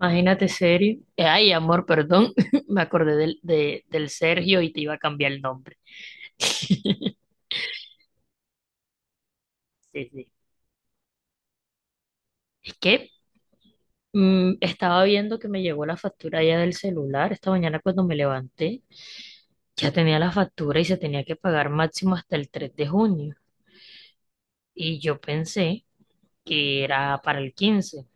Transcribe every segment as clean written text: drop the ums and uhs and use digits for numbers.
Imagínate serio. Ay, amor, perdón. Me acordé del Sergio y te iba a cambiar el nombre. Sí, sí. Es que estaba viendo que me llegó la factura ya del celular. Esta mañana cuando me levanté, ya tenía la factura y se tenía que pagar máximo hasta el 3 de junio. Y yo pensé que era para el 15.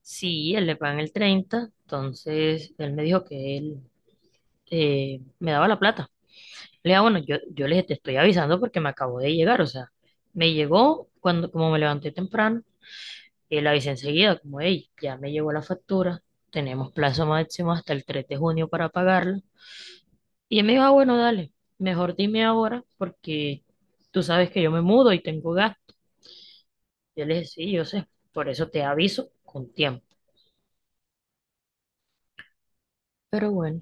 Sí, él le pagan el 30, entonces él me dijo que él me daba la plata. Le digo, bueno, yo le dije, te estoy avisando porque me acabo de llegar, o sea, me llegó cuando, como me levanté temprano, y le avisé enseguida, como, hey, ya me llegó la factura, tenemos plazo máximo hasta el 3 de junio para pagarla. Y él me dijo, ah, bueno, dale, mejor dime ahora porque tú sabes que yo me mudo y tengo gasto. Yo le dije, sí, yo sé, por eso te aviso con tiempo. Pero bueno,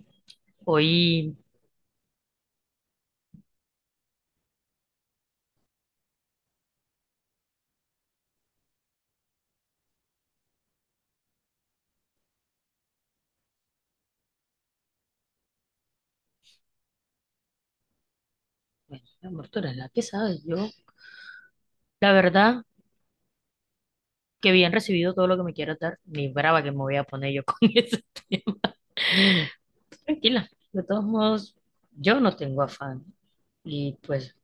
hoy, bueno, mi amor, tú eres la que sabes, yo, la verdad, que bien recibido todo lo que me quieras dar, ni brava que me voy a poner yo con eso. Tranquila, de todos modos, yo no tengo afán. Y pues,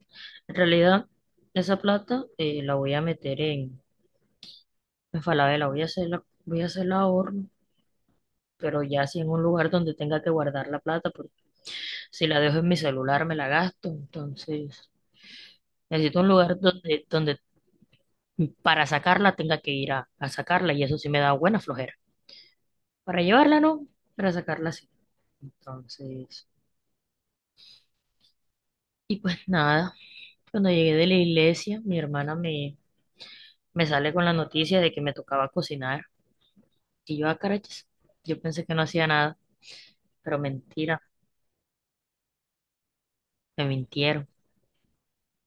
en realidad, esa plata, la voy a meter en Falabella, voy a hacerla ahorro, pero ya sí en un lugar donde tenga que guardar la plata, porque si la dejo en mi celular me la gasto. Entonces, necesito un lugar donde para sacarla tenga que ir a sacarla, y eso sí me da buena flojera. Para llevarla no, para sacarla sí. Entonces, y pues nada, cuando llegué de la iglesia, mi hermana me sale con la noticia de que me tocaba cocinar. Y yo, a carachas, yo pensé que no hacía nada, pero mentira, me mintieron.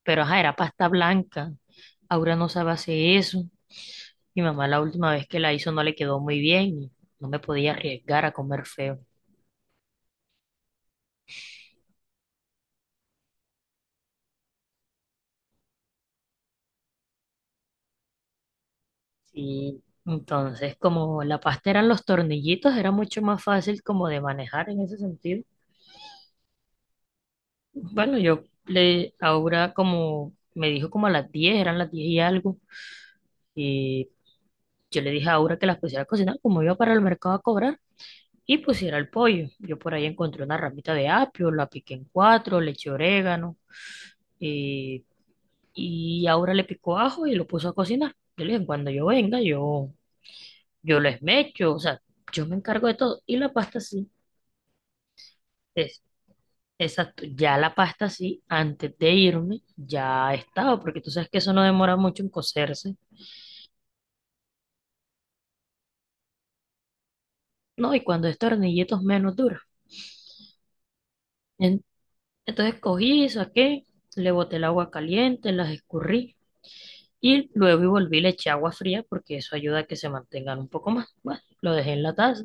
Pero ajá, era pasta blanca. Aura no sabe hacer eso. Mi mamá la última vez que la hizo no le quedó muy bien y no me podía arriesgar a comer feo. Sí. Entonces, como la pasta eran los tornillitos, era mucho más fácil como de manejar en ese sentido. Bueno, Aura, como me dijo, como a las 10, eran las 10 y algo. Yo le dije a Aura que las pusiera a cocinar, como iba para el mercado a cobrar, y pusiera el pollo. Yo por ahí encontré una ramita de apio, la piqué en cuatro, le eché orégano eh, y Aura le picó ajo y lo puso a cocinar. Yo le dije, cuando yo venga, yo les mecho, o sea, yo me encargo de todo. Y la pasta sí, es, exacto, ya la pasta sí, antes de irme, ya estaba, porque tú sabes que eso no demora mucho en cocerse, ¿no? Y cuando es tornilletos menos dura. Entonces cogí, saqué, le boté el agua caliente, las escurrí y luego y volví, le eché agua fría porque eso ayuda a que se mantengan un poco más. Bueno, lo dejé en la taza.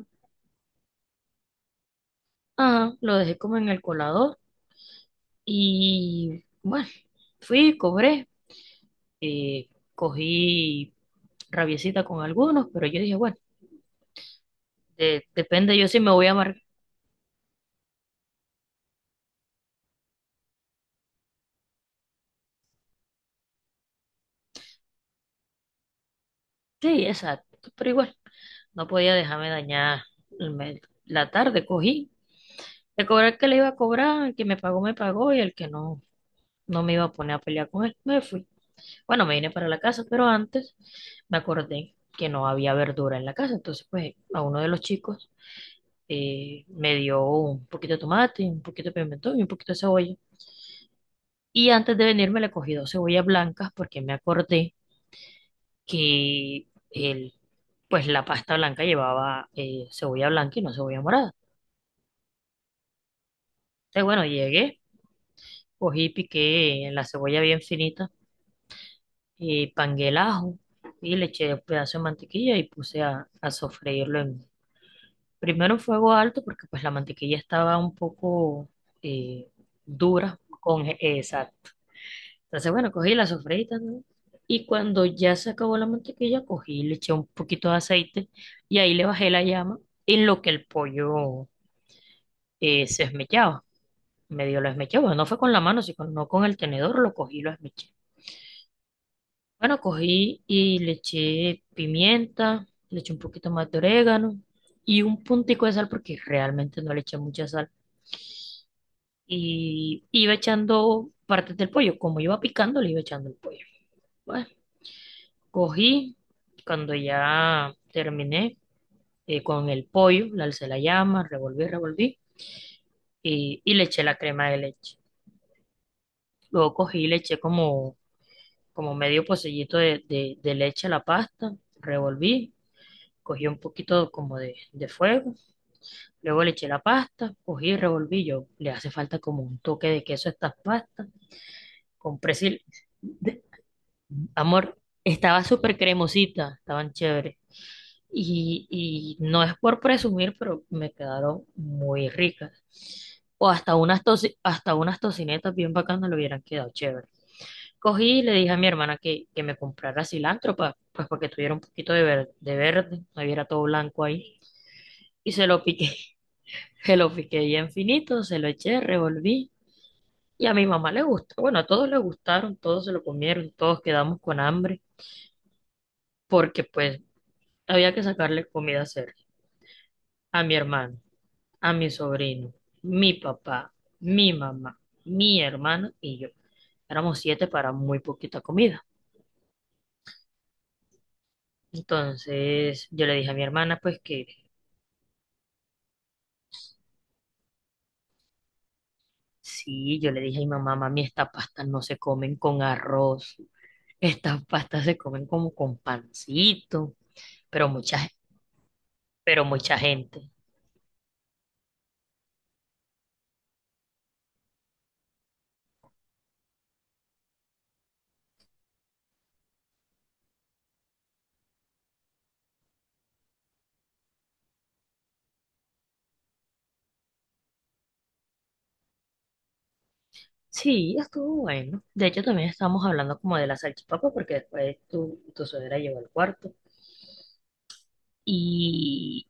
Ajá, lo dejé como en el colador y bueno, fui, cobré, eh, cogí rabiecita con algunos, pero yo dije, bueno, depende yo si me voy a marcar. Sí, exacto, pero igual, no podía dejarme dañar la tarde, cogí. Le cobré el cobrar que le iba a cobrar, el que me pagó y el que no. No me iba a poner a pelear con él. Me fui. Bueno, me vine para la casa, pero antes me acordé que no había verdura en la casa. Entonces, pues, a uno de los chicos, me dio un poquito de tomate, un poquito de pimentón y un poquito de cebolla. Y antes de venirme le cogí dos cebollas blancas porque me acordé que pues la pasta blanca llevaba cebolla blanca y no cebolla morada. Entonces, bueno, llegué, cogí, piqué la cebolla bien finita y pangué el ajo y le eché un pedazo de mantequilla y puse a sofreírlo primero en fuego alto porque pues la mantequilla estaba un poco eh, dura con esa. Entonces bueno, cogí la sofreí, ¿no? Y cuando ya se acabó la mantequilla, cogí y le eché un poquito de aceite y ahí le bajé la llama en lo que el pollo se esmechaba. Medio lo esmechaba, no fue con la mano, sino no con el tenedor, lo cogí y lo esmeché. Bueno, cogí y le eché pimienta, le eché un poquito más de orégano y un puntico de sal porque realmente no le eché mucha sal. Y iba echando partes del pollo, como iba picando, le iba echando el pollo. Bueno, cogí, cuando ya terminé con el pollo, le alcé la llama, revolví, revolví y le eché la crema de leche. Luego cogí y le eché como, como medio pocillito de leche a la pasta, revolví, cogí un poquito como de fuego. Luego le eché la pasta, cogí y revolví yo. Le hace falta como un toque de queso a estas pastas. Compré sil... de- Amor, estaba súper cremosita, estaban chéveres. Y no es por presumir, pero me quedaron muy ricas. O hasta unas tocinetas bien bacanas le hubieran quedado chévere. Cogí y le dije a mi hermana que me comprara cilantro pues para que tuviera un poquito de verde, no hubiera todo blanco ahí. Y se lo piqué. Se lo piqué ya infinito, se lo eché, revolví y a mi mamá le gustó. Bueno, a todos le gustaron, todos se lo comieron, todos quedamos con hambre porque pues había que sacarle comida a Sergio, a mi hermano, a mi sobrino, mi papá, mi mamá, mi hermano y yo. Éramos siete para muy poquita comida. Entonces yo le dije a mi hermana pues que sí, yo le dije a mi mamá, mami, estas pastas no se comen con arroz, estas pastas se comen como con pancito pero mucha gente. Sí, estuvo bueno. De hecho, también estábamos hablando como de la salchipapa, porque después tu suegra llegó al cuarto y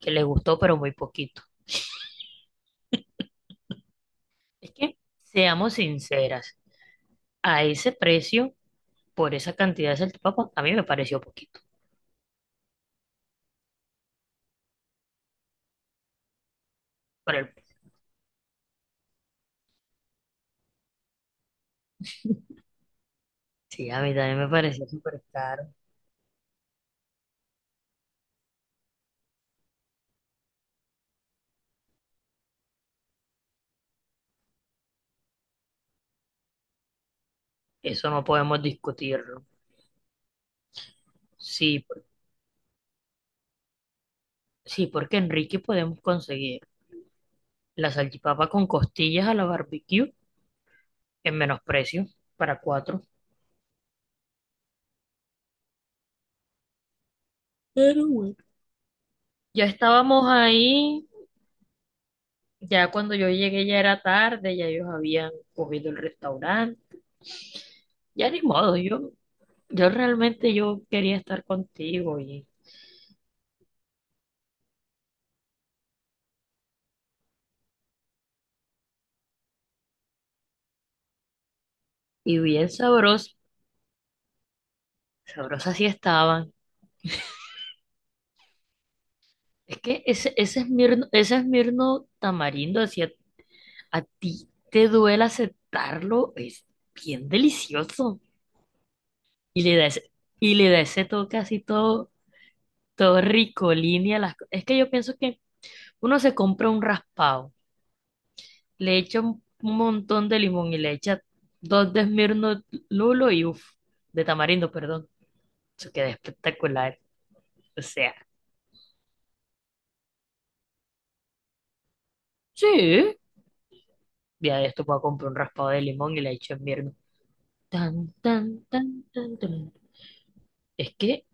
que le gustó, pero muy poquito. Es que, seamos sinceras, a ese precio, por esa cantidad de salchipapa, a mí me pareció poquito. Por el, sí, a mí también me pareció súper caro. Eso no podemos discutirlo. Sí, por- sí, porque en Ricky podemos conseguir la salchipapa con costillas a la barbecue en menos precio para cuatro. Pero bueno. Ya estábamos ahí, ya cuando yo llegué ya era tarde, ya ellos habían cogido el restaurante. Ya ni modo, yo realmente yo quería estar contigo y bien sabroso, sabrosas sí estaban. Es que ese Esmirno tamarindo, así a ti te duele aceptarlo, es bien delicioso. Y le da ese toque así todo, todo rico, línea. Es que yo pienso que uno se compra un raspado. Le echa un montón de limón y le echa dos de Smirnoff Lulo y uff, de tamarindo, perdón. Eso queda espectacular. O sea, sí. Ya de esto puedo comprar un raspado de limón y le echo Smirnoff. Tan, tan, tan, tan, tan. Es que,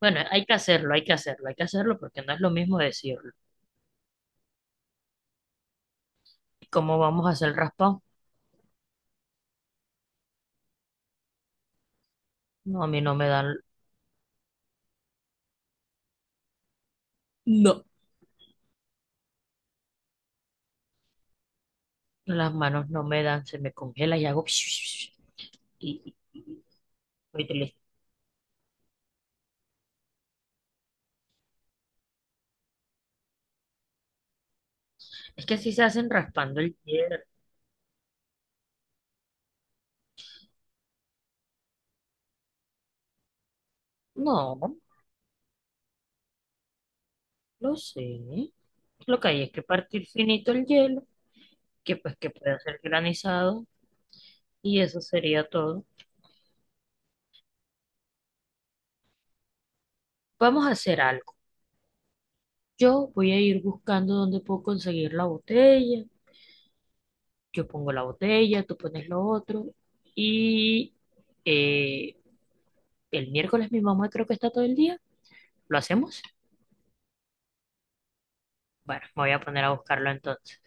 bueno, hay que hacerlo, hay que hacerlo, hay que hacerlo porque no es lo mismo decirlo. ¿Cómo vamos a hacer el raspado? No, a mí no me dan, no, las manos no me dan, se me congela y hago y, y- y- y- y- Es que así se hacen raspando el hierro. No. Lo sé. Lo que hay es que partir finito el hielo, que pues que pueda ser granizado, y eso sería todo. Vamos a hacer algo. Yo voy a ir buscando dónde puedo conseguir la botella. Yo pongo la botella, tú pones lo otro. Y eh, el miércoles mi mamá creo que está todo el día. ¿Lo hacemos? Bueno, me voy a poner a buscarlo entonces.